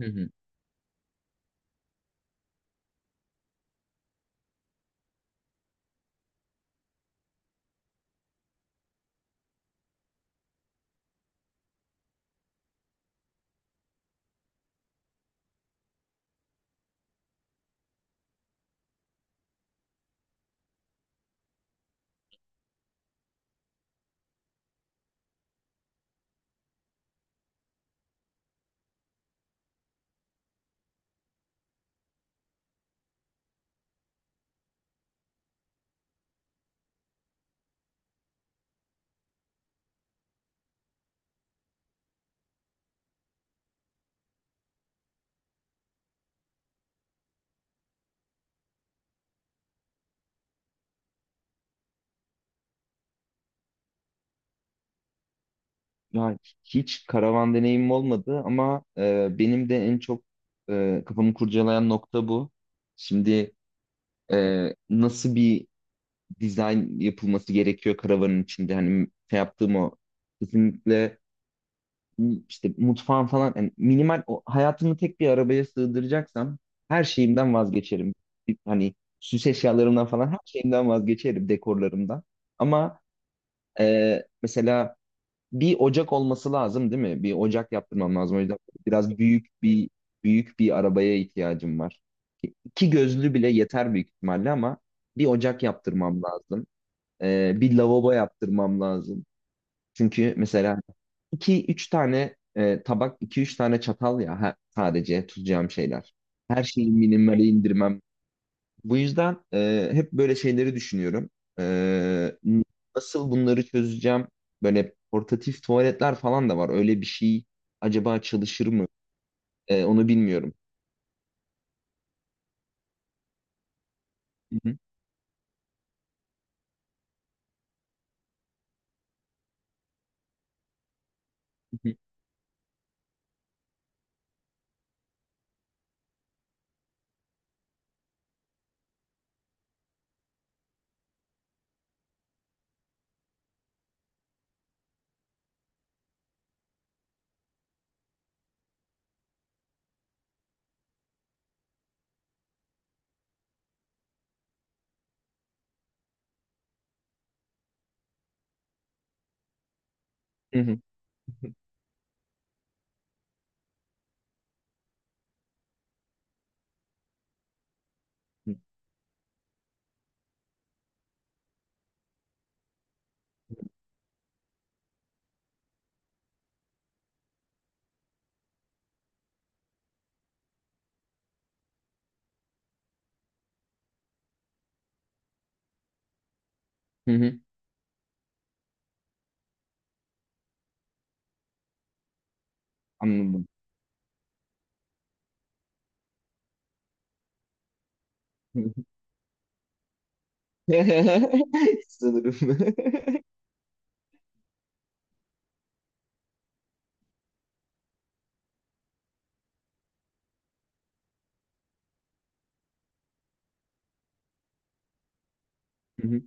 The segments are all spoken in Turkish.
Hı hı. Ya hiç karavan deneyimim olmadı ama benim de en çok kafamı kurcalayan nokta bu. Şimdi nasıl bir dizayn yapılması gerekiyor karavanın içinde? Hani şey yaptığım o kesinlikle işte mutfağın falan, yani minimal, o, hayatımı tek bir arabaya sığdıracaksam her şeyimden vazgeçerim. Hani süs eşyalarımdan falan her şeyimden vazgeçerim, dekorlarımdan. Ama mesela bir ocak olması lazım değil mi? Bir ocak yaptırmam lazım. O yüzden biraz büyük bir büyük bir arabaya ihtiyacım var. İki gözlü bile yeter büyük ihtimalle ama bir ocak yaptırmam lazım. Bir lavabo yaptırmam lazım. Çünkü mesela iki üç tane tabak, iki üç tane çatal, ya sadece tutacağım şeyler. Her şeyi minimale indirmem, bu yüzden hep böyle şeyleri düşünüyorum. E, Nasıl bunları çözeceğim? Böyle portatif tuvaletler falan da var. Öyle bir şey acaba çalışır mı? Onu bilmiyorum. Hı hı, hı hı, hı hı, hı hı. Anladım. Hı hı. Sanırım. Hı hı.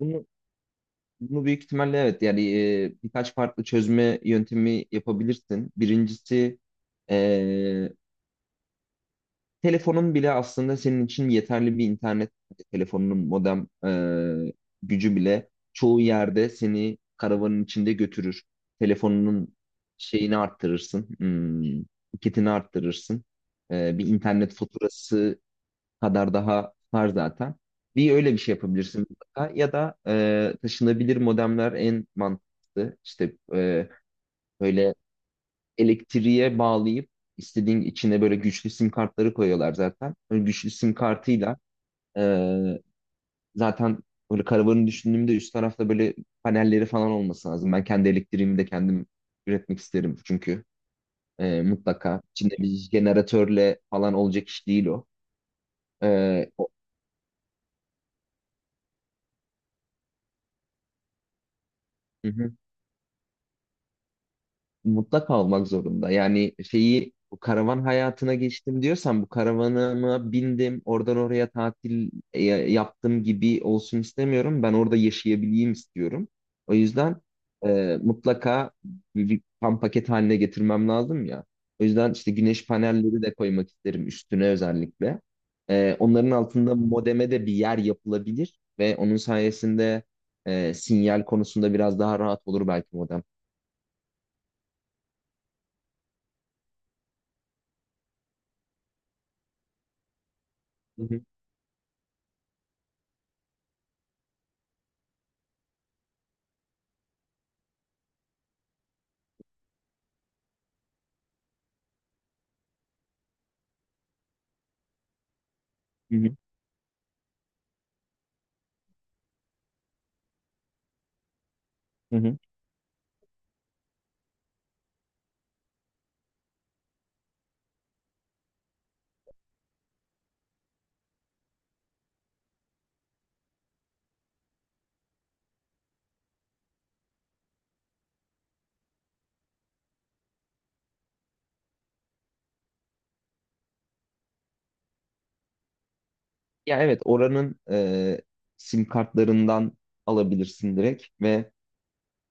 Bunu, bunu büyük ihtimalle evet, yani birkaç farklı çözme yöntemi yapabilirsin. Birincisi, e, telefonun bile aslında senin için yeterli bir internet, telefonunun modem e, gücü bile çoğu yerde seni karavanın içinde götürür. Telefonunun şeyini arttırırsın, kitini arttırırsın. Bir internet faturası kadar daha var zaten. Bir öyle bir şey yapabilirsin mutlaka. Ya da taşınabilir modemler en mantıklı. İşte böyle elektriğe bağlayıp istediğin içine böyle güçlü sim kartları koyuyorlar zaten. Böyle güçlü sim kartıyla e, zaten böyle karavanı düşündüğümde üst tarafta böyle panelleri falan olması lazım. Ben kendi elektriğimi de kendim üretmek isterim, çünkü mutlaka içinde bir jeneratörle falan olacak iş değil o. E, o- Mutlaka olmak zorunda. Yani şeyi bu karavan hayatına geçtim diyorsan, bu karavanıma bindim oradan oraya tatil yaptım gibi olsun istemiyorum. Ben orada yaşayabileyim istiyorum. O yüzden mutlaka bir tam paket haline getirmem lazım ya. O yüzden işte güneş panelleri de koymak isterim üstüne özellikle. Onların altında modeme de bir yer yapılabilir ve onun sayesinde sinyal konusunda biraz daha rahat olur belki modem. Hı hı, hı hı, hı hı. Ya evet, oranın sim kartlarından alabilirsin direkt ve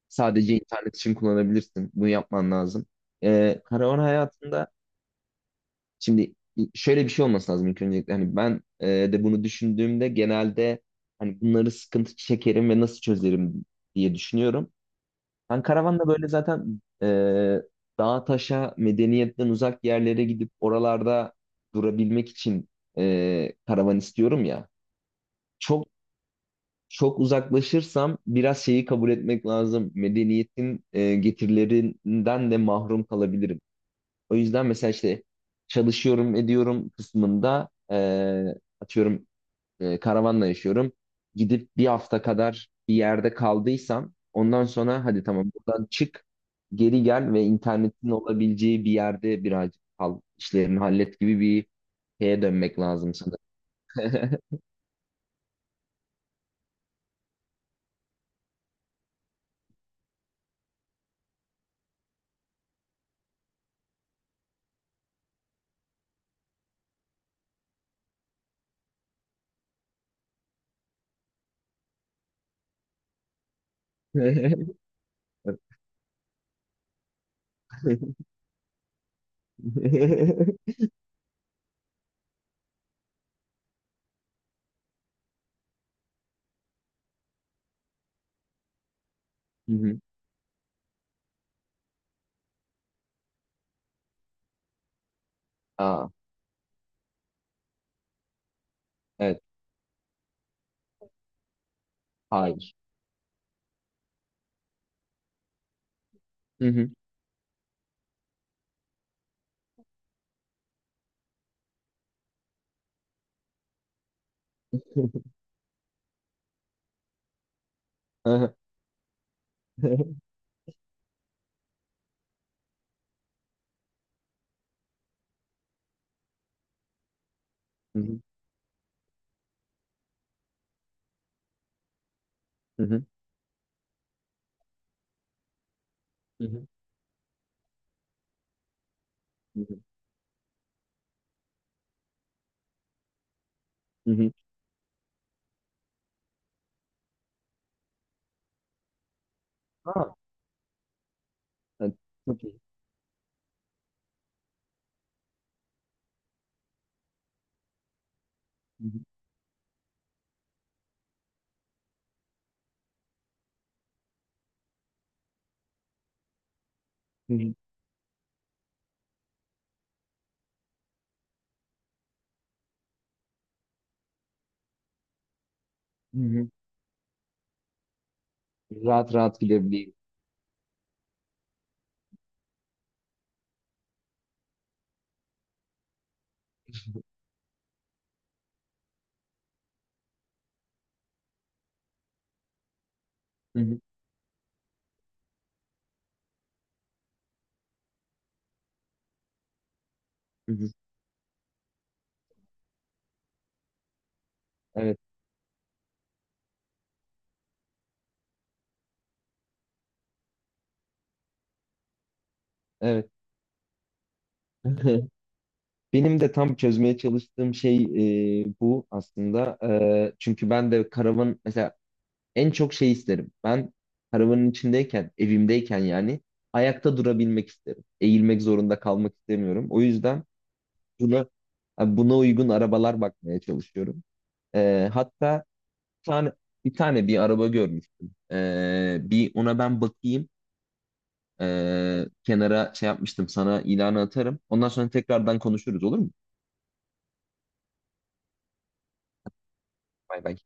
sadece internet için kullanabilirsin. Bunu yapman lazım. Karavan hayatında şimdi şöyle bir şey olması lazım ilk öncelikle. Hani ben de bunu düşündüğümde genelde hani bunları sıkıntı çekerim ve nasıl çözerim diye düşünüyorum. Ben karavanla böyle zaten dağa taşa medeniyetten uzak yerlere gidip oralarda durabilmek için karavan istiyorum ya. Çok çok uzaklaşırsam biraz şeyi kabul etmek lazım. Medeniyetin getirilerinden de mahrum kalabilirim. O yüzden mesela işte çalışıyorum ediyorum kısmında, atıyorum, karavanla yaşıyorum. Gidip bir hafta kadar bir yerde kaldıysam, ondan sonra hadi tamam, buradan çık, geri gel ve internetin olabileceği bir yerde birazcık kal, işlerini hallet gibi bir şeye dönmek lazım sanırım. Hı hı. Aa, evet. Hı. Hayır. Hı hı. Aha. Hı hı. Hı hı. Hı hı. Hı hı. Hı hı. Ha, evet, çok iyi. Hı hı. Hı hı. Hı hı. Rahat rahat gidebileyim. Hı hı. Hı hı. Evet, evet. Benim de tam çözmeye çalıştığım şey bu aslında. Çünkü ben de karavan mesela en çok şey isterim. Ben karavanın içindeyken, evimdeyken, yani ayakta durabilmek isterim. Eğilmek zorunda kalmak istemiyorum. O yüzden buna buna uygun arabalar bakmaya çalışıyorum. Hatta bir tane, bir tane bir araba görmüştüm. Bir ona ben bakayım. Kenara şey yapmıştım, sana ilanı atarım. Ondan sonra tekrardan konuşuruz, olur mu? Bay bay.